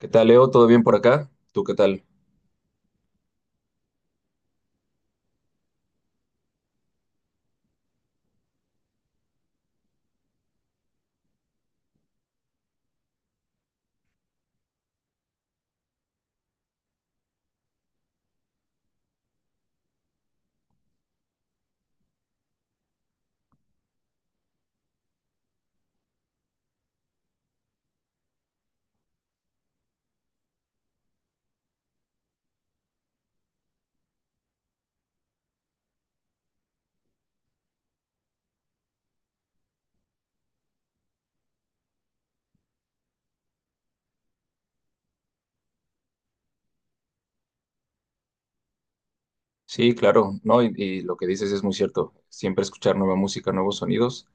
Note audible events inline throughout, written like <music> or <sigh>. ¿Qué tal, Leo? ¿Todo bien por acá? ¿Tú qué tal? Sí, claro, ¿no? Y lo que dices es muy cierto. Siempre escuchar nueva música, nuevos sonidos,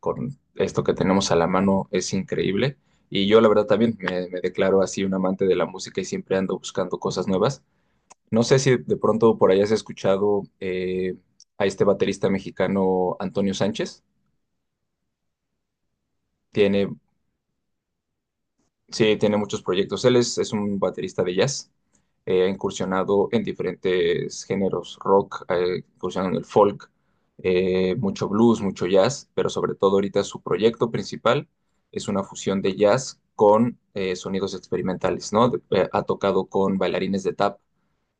con esto que tenemos a la mano es increíble. Y yo, la verdad, también me declaro así un amante de la música y siempre ando buscando cosas nuevas. No sé si de pronto por ahí has escuchado a este baterista mexicano, Antonio Sánchez. Tiene sí, tiene muchos proyectos. Él es un baterista de jazz. Ha incursionado en diferentes géneros rock, ha incursionado en el folk, mucho blues, mucho jazz, pero sobre todo ahorita su proyecto principal es una fusión de jazz con sonidos experimentales, ¿no? Ha tocado con bailarines de tap,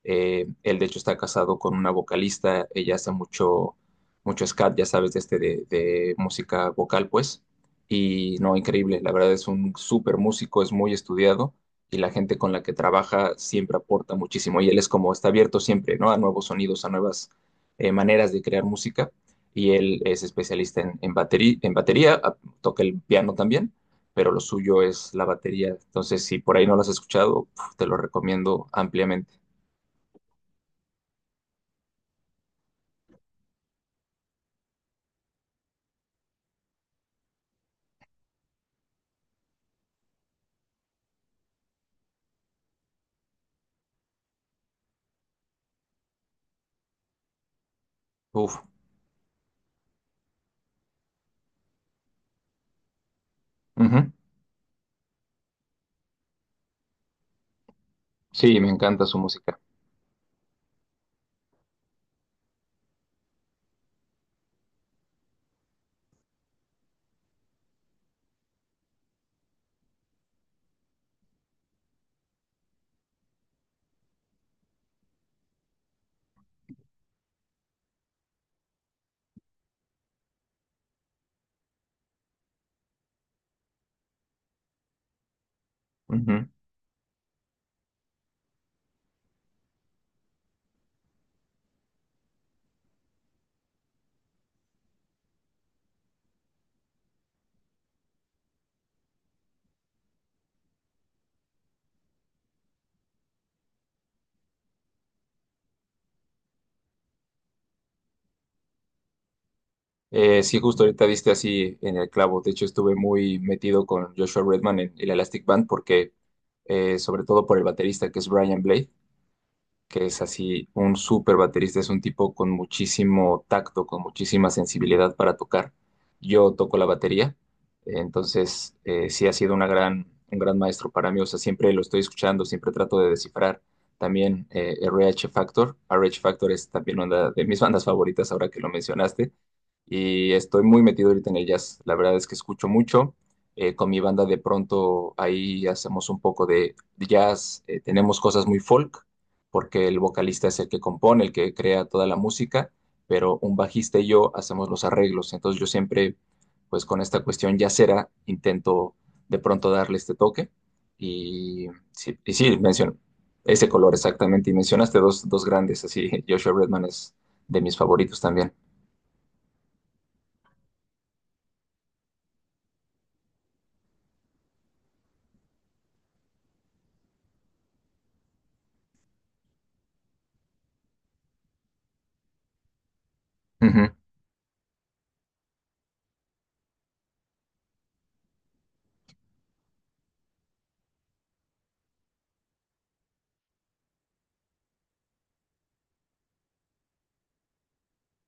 él, de hecho, está casado con una vocalista. Ella hace mucho, mucho scat, ya sabes, de de música vocal, pues. Y no, increíble. La verdad es un súper músico, es muy estudiado y la gente con la que trabaja siempre aporta muchísimo. Y él es como, está abierto siempre, ¿no? A nuevos sonidos, a nuevas maneras de crear música. Y él es especialista en batería, en batería, toca el piano también, pero lo suyo es la batería. Entonces, si por ahí no lo has escuchado, puf, te lo recomiendo ampliamente. Uf, ujú. Sí, me encanta su música. Ujú. Sí, justo ahorita diste así en el clavo. De hecho, estuve muy metido con Joshua Redman en el Elastic Band porque, sobre todo por el baterista que es Brian Blade, que es así un súper baterista, es un tipo con muchísimo tacto, con muchísima sensibilidad para tocar. Yo toco la batería, entonces sí ha sido una gran, un gran maestro para mí, o sea, siempre lo estoy escuchando, siempre trato de descifrar. También R H Factor, R H Factor es también una de mis <laughs> bandas favoritas ahora que lo mencionaste y estoy muy metido ahorita en el jazz. La verdad es que escucho mucho. Con mi banda de pronto ahí hacemos un poco de jazz. Tenemos cosas muy folk, porque el vocalista es el que compone, el que crea toda la música, pero un bajista y yo hacemos los arreglos. Entonces yo siempre, pues con esta cuestión jazzera, intento de pronto darle este toque. Y sí, y sí, menciono ese color exactamente. Y mencionaste dos, dos grandes, así <laughs> Joshua Redman es de mis favoritos también.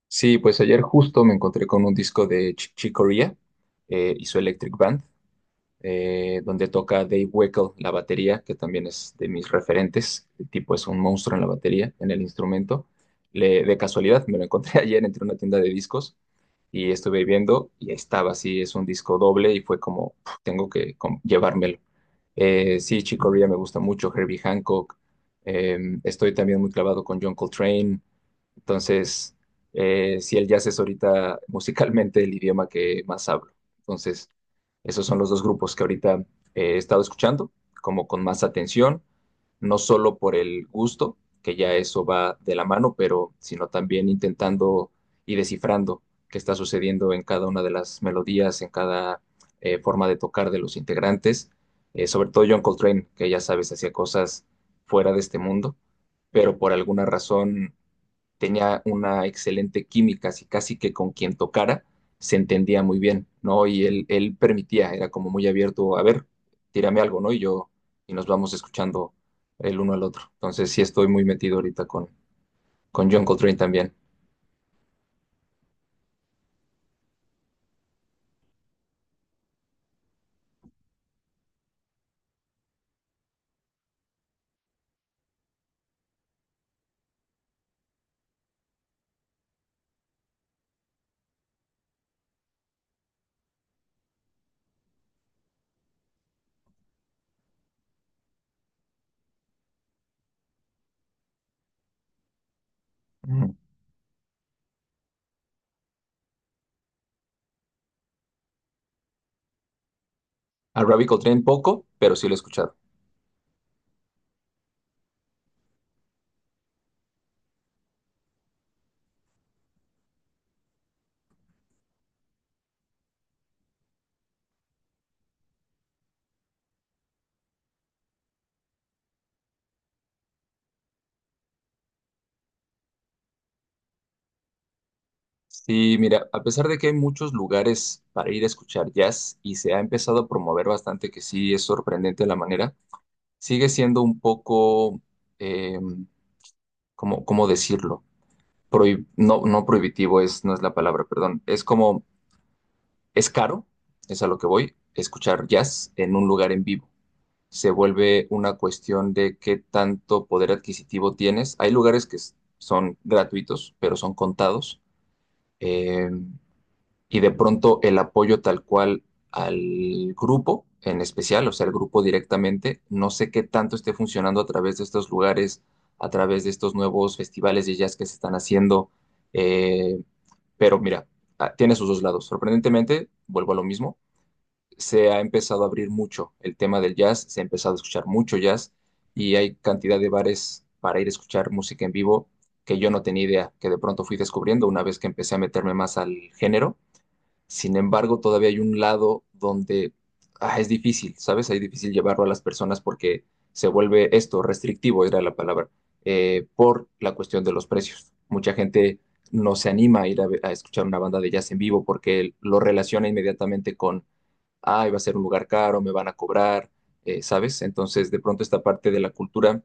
Sí, pues ayer justo me encontré con un disco de Ch Chick Corea y su Electric Band, donde toca Dave Weckl la batería, que también es de mis referentes. El tipo es un monstruo en la batería, en el instrumento. De casualidad me lo encontré <laughs> ayer, entre una tienda de discos y estuve viendo y ahí estaba. Sí, es un disco doble y fue como, "Puf, tengo que llevármelo." Sí, Chick Corea me gusta mucho, Herbie Hancock, eh, estoy también muy clavado con John Coltrane, entonces, si el jazz es ahorita musicalmente el idioma que más hablo. Entonces, esos son los dos grupos que ahorita he estado escuchando, como con más atención, no solo por el gusto, que ya eso va de la mano, pero sino también intentando y descifrando qué está sucediendo en cada una de las melodías, en cada forma de tocar de los integrantes. Sobre todo John Coltrane, que ya sabes, hacía cosas fuera de este mundo, pero por alguna razón tenía una excelente química, así casi que con quien tocara se entendía muy bien, ¿no? Y él permitía, era como muy abierto, a ver, tírame algo, ¿no? Y yo, y nos vamos escuchando el uno al otro. Entonces sí estoy muy metido ahorita con John Coltrane también. Mm. A Robbie Coltrane poco, pero sí lo he escuchado. Sí, mira, a pesar de que hay muchos lugares para ir a escuchar jazz y se ha empezado a promover bastante, que sí es sorprendente la manera, sigue siendo un poco, eh, ¿cómo, cómo decirlo? No, no prohibitivo es, no es la palabra, perdón. Es como, es caro, es a lo que voy, escuchar jazz en un lugar en vivo. Se vuelve una cuestión de qué tanto poder adquisitivo tienes. Hay lugares que son gratuitos, pero son contados. eh, y de pronto el apoyo tal cual al grupo en especial, o sea, el grupo directamente, no sé qué tanto esté funcionando a través de estos lugares, a través de estos nuevos festivales de jazz que se están haciendo. Eh, pero mira, ah, tiene sus dos lados. Sorprendentemente, vuelvo a lo mismo, se ha empezado a abrir mucho el tema del jazz, se ha empezado a escuchar mucho jazz y hay cantidad de bares para ir a escuchar música en vivo que yo no tenía idea, que de pronto fui descubriendo una vez que empecé a meterme más al género. Sin embargo, todavía hay un lado donde ah, es difícil, ¿sabes? Es difícil llevarlo a las personas porque se vuelve esto restrictivo, era la palabra, por la cuestión de los precios. Mucha gente no se anima a ir a, a escuchar una banda de jazz en vivo porque lo relaciona inmediatamente con, ay, va a ser un lugar caro, me van a cobrar, ¿sabes? Entonces, de pronto esta parte de la cultura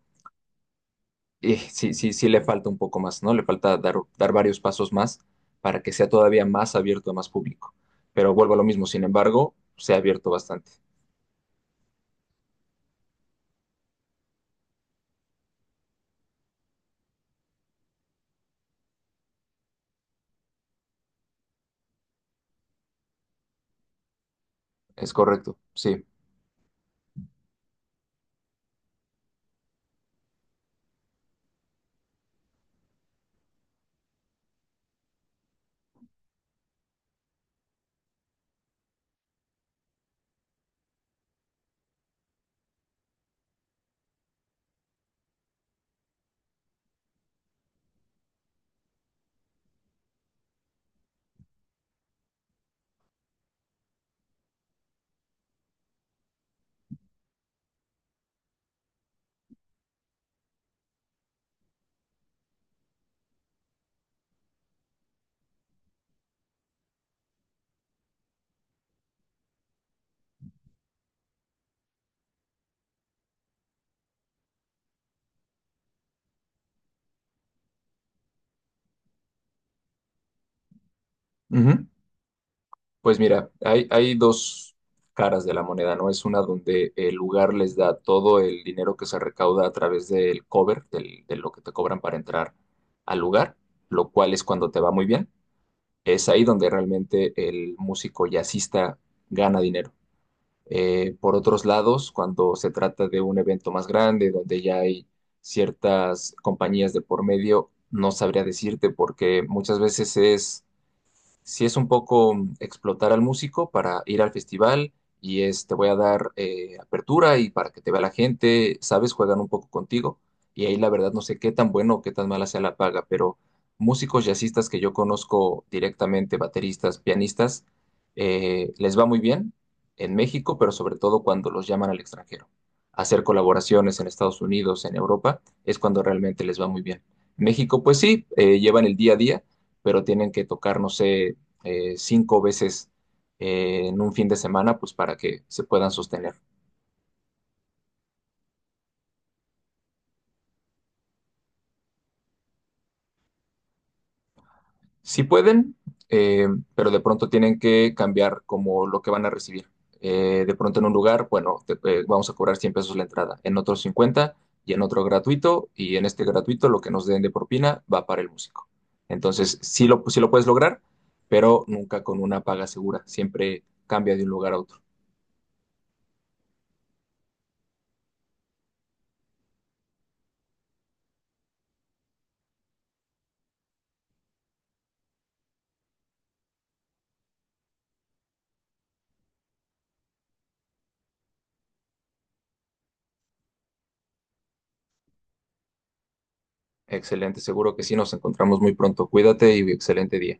sí, sí le falta un poco más, ¿no? Le falta dar, dar varios pasos más para que sea todavía más abierto a más público. Pero vuelvo a lo mismo, sin embargo, se ha abierto bastante. Es correcto, sí. Ujú. Pues mira, hay dos caras de la moneda, ¿no? Es una donde el lugar les da todo el dinero que se recauda a través del cover, de lo que te cobran para entrar al lugar, lo cual es cuando te va muy bien. Es ahí donde realmente el músico jazzista gana dinero. Por otros lados, cuando se trata de un evento más grande, donde ya hay ciertas compañías de por medio, no sabría decirte porque muchas veces es sí es un poco explotar al músico para ir al festival y es, te voy a dar apertura y para que te vea la gente, sabes, juegan un poco contigo. Y ahí la verdad no sé qué tan bueno o qué tan mala sea la paga, pero músicos jazzistas que yo conozco directamente, bateristas, pianistas, les va muy bien en México, pero sobre todo cuando los llaman al extranjero. Hacer colaboraciones en Estados Unidos, en Europa, es cuando realmente les va muy bien. México, pues sí, llevan el día a día pero tienen que tocar, no sé, cinco veces en un fin de semana, pues para que se puedan sostener. Sí pueden, eh, pero de pronto tienen que cambiar como lo que van a recibir. De pronto en un lugar, bueno, vamos a cobrar 100 pesos la entrada, en otro 50 y en otro gratuito, y en este gratuito lo que nos den de propina va para el músico. Entonces, sí lo puedes lograr, pero nunca con una paga segura, siempre cambia de un lugar a otro. Excelente, seguro que sí, nos encontramos muy pronto. Cuídate y excelente día.